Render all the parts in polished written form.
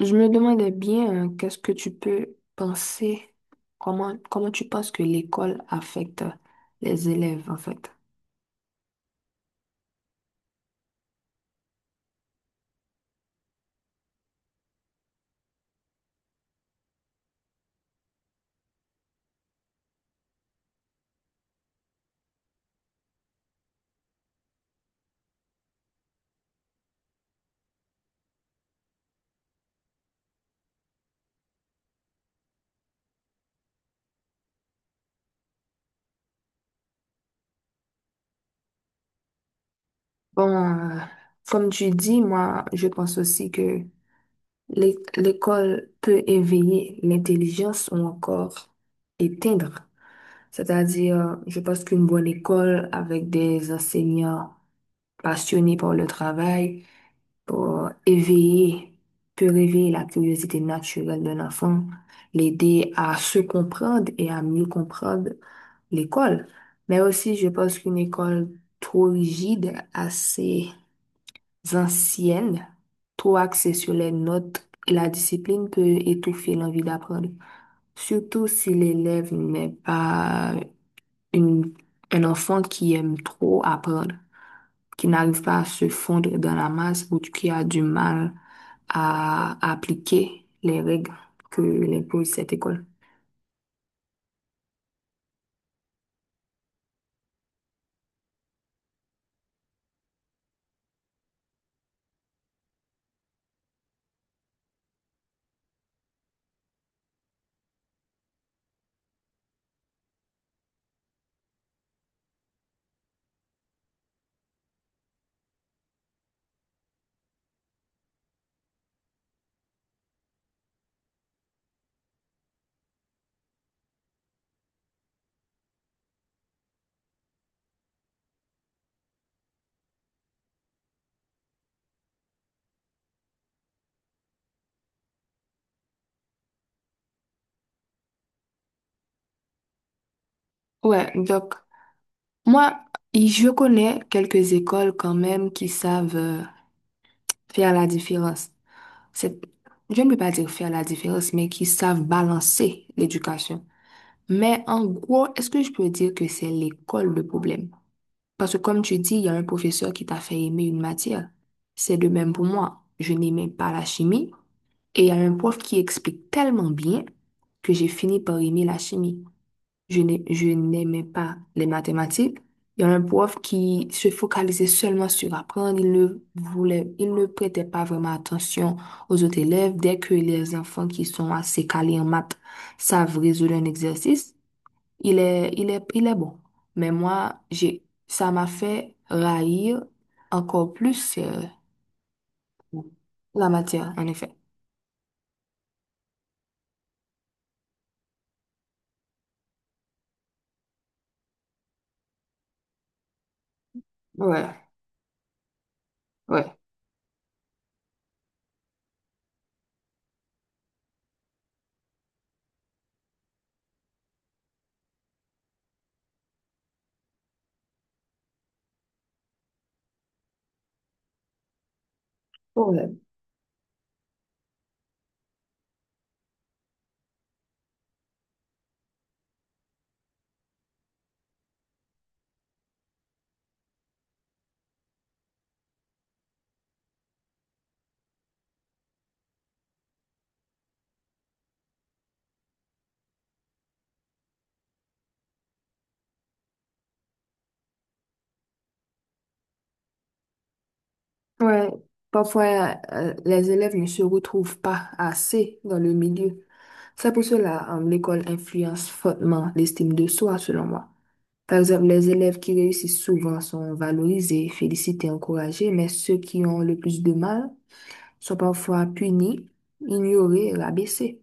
Je me demandais bien, qu'est-ce que tu peux penser, comment tu penses que l'école affecte les élèves, en fait? Bon, comme tu dis, moi, je pense aussi que l'école peut éveiller l'intelligence ou encore éteindre. C'est-à-dire, je pense qu'une bonne école avec des enseignants passionnés par le travail, pour éveiller, peut réveiller la curiosité naturelle d'un enfant, l'aider à se comprendre et à mieux comprendre l'école. Mais aussi, je pense qu'une école trop rigide, assez ancienne, trop axée sur les notes et la discipline peut étouffer l'envie d'apprendre. Surtout si l'élève n'est pas une, un enfant qui aime trop apprendre, qui n'arrive pas à se fondre dans la masse ou qui a du mal à appliquer les règles que l'impose cette école. Ouais, donc moi, je connais quelques écoles quand même qui savent faire la différence. C'est, je ne peux pas dire faire la différence, mais qui savent balancer l'éducation. Mais en gros, est-ce que je peux dire que c'est l'école le problème? Parce que comme tu dis, il y a un professeur qui t'a fait aimer une matière. C'est de même pour moi. Je n'aimais pas la chimie et il y a un prof qui explique tellement bien que j'ai fini par aimer la chimie. Je n'aimais pas les mathématiques. Il y a un prof qui se focalisait seulement sur apprendre. Il ne prêtait pas vraiment attention aux autres élèves. Dès que les enfants qui sont assez calés en maths savent résoudre un exercice, il est bon. Mais moi, ça m'a fait raillir encore plus la matière, en effet. Ouais, ouais, ouais, ouais. Parfois, les élèves ne se retrouvent pas assez dans le milieu. C'est pour cela, l'école influence fortement l'estime de soi, selon moi. Par exemple, les élèves qui réussissent souvent sont valorisés, félicités, encouragés, mais ceux qui ont le plus de mal sont parfois punis, ignorés, rabaissés.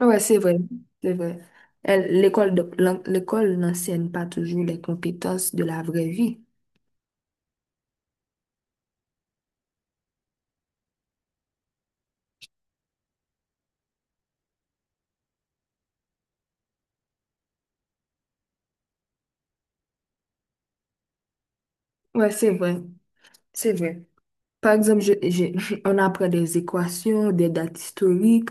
Ouais, c'est vrai, c'est vrai. L'école n'enseigne pas toujours les compétences de la vraie vie. Ouais, c'est vrai, c'est vrai. Par exemple, on apprend des équations, des dates historiques,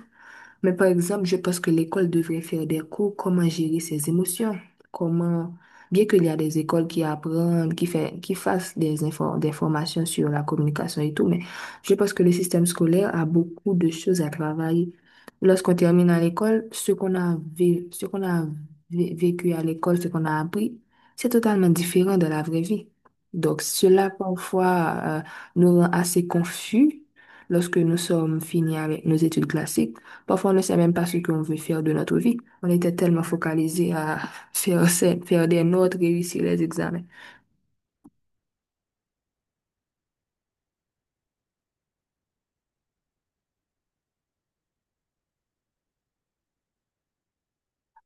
mais par exemple, je pense que l'école devrait faire des cours comment gérer ses émotions, comment, bien qu'il y a des écoles qui apprennent, qui fassent des infos, des formations sur la communication et tout, mais je pense que le système scolaire a beaucoup de choses à travailler. Lorsqu'on termine à l'école, ce qu'on a vécu à l'école, ce qu'on a appris, c'est totalement différent de la vraie vie. Donc, cela parfois nous rend assez confus lorsque nous sommes finis avec nos études classiques. Parfois, on ne sait même pas ce qu'on veut faire de notre vie. On était tellement focalisé à faire des notes, réussir les examens.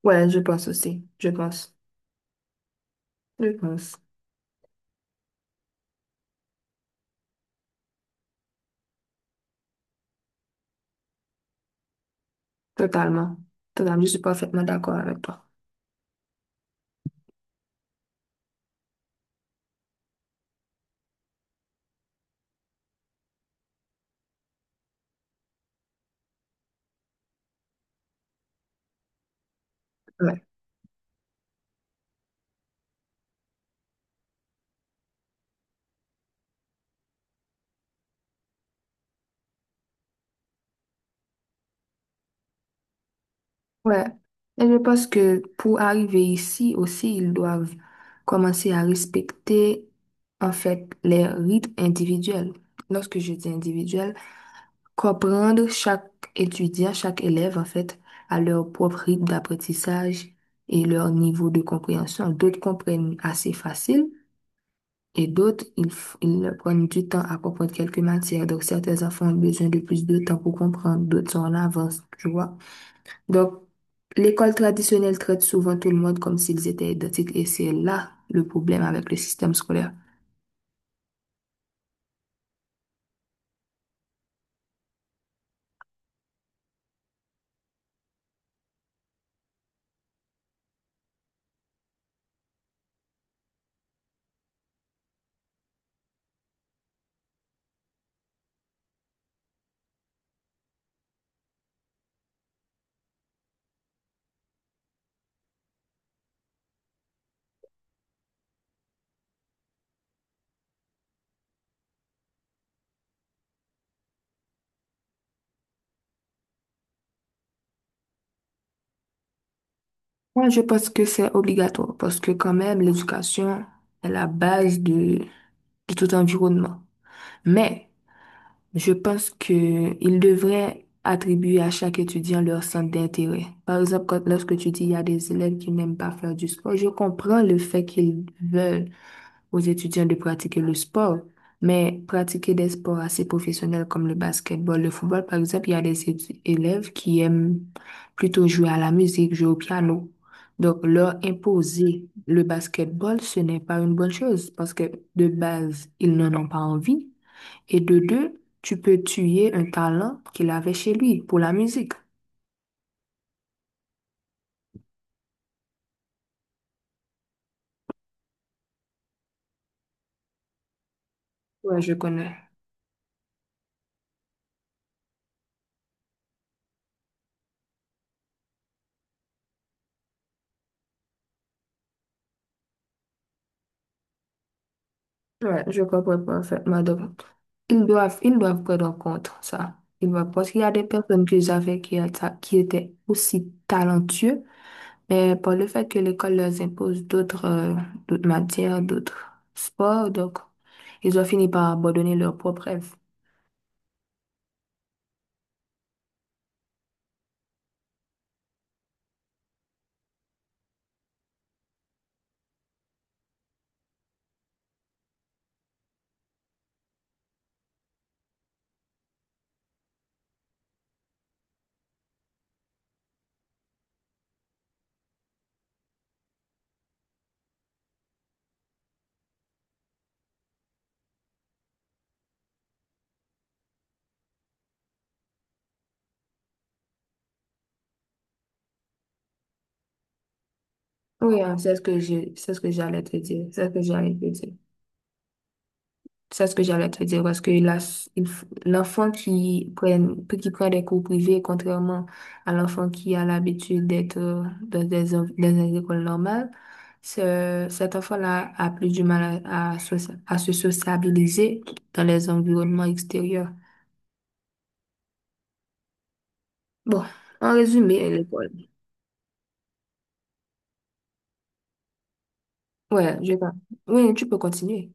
Ouais, je pense aussi. Je pense. Je pense. Totalement. Totalement. Je suis parfaitement d'accord avec toi. Ouais. Ouais. Et je pense que pour arriver ici aussi, ils doivent commencer à respecter, en fait, les rites individuels. Lorsque je dis individuel, comprendre chaque étudiant, chaque élève, en fait, à leur propre rythme d'apprentissage et leur niveau de compréhension. D'autres comprennent assez facile et d'autres, ils prennent du temps à comprendre quelques matières. Donc, certains enfants ont besoin de plus de temps pour comprendre, d'autres sont en avance, tu vois. Donc, l'école traditionnelle traite souvent tout le monde comme s'ils étaient identiques et c'est là le problème avec le système scolaire. Moi, je pense que c'est obligatoire parce que quand même, l'éducation est la base de tout environnement. Mais je pense que il devrait attribuer à chaque étudiant leur centre d'intérêt. Par exemple, lorsque tu dis il y a des élèves qui n'aiment pas faire du sport, je comprends le fait qu'ils veulent aux étudiants de pratiquer le sport, mais pratiquer des sports assez professionnels comme le basketball, le football, par exemple, il y a des élèves qui aiment plutôt jouer à la musique, jouer au piano. Donc, leur imposer le basketball, ce n'est pas une bonne chose parce que de base, ils n'en ont pas envie. Et de deux, tu peux tuer un talent qu'il avait chez lui pour la musique. Ouais, je connais. Ouais, je comprends parfaitement. Donc, ils doivent, ils doivent prendre en compte ça. Ils doivent, parce qu'il y a des personnes que j'avais qui, qui étaient aussi talentueux, mais par le fait que l'école leur impose d'autres d'autres matières, d'autres sports, donc ils ont fini par abandonner leurs propres rêves. Oui, hein, c'est ce que j'allais te dire. C'est ce que j'allais te dire. C'est ce que j'allais te dire parce que l'enfant qui prend des cours privés, contrairement à l'enfant qui a l'habitude d'être dans des écoles normales, cet enfant-là a plus du mal à, à se sociabiliser dans les environnements extérieurs. Bon, en résumé, l'école. Ouais, je vois. Oui, tu peux continuer.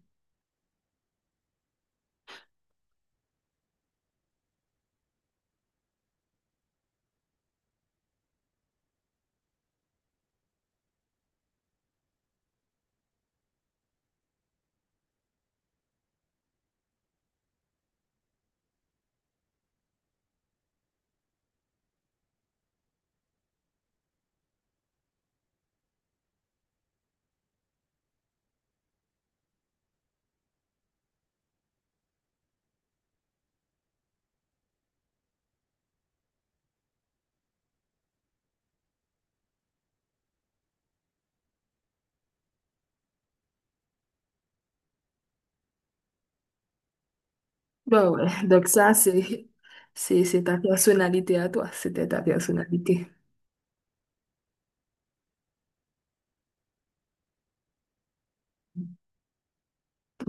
Bon, ouais. Donc ça, c'est ta personnalité à toi. C'était ta personnalité.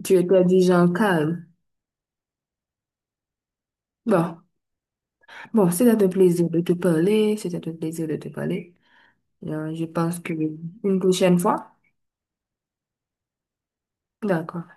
Tu étais du genre calme. Bon. Bon, c'était un plaisir de te parler. C'était un plaisir de te parler. Je pense que une prochaine fois. D'accord.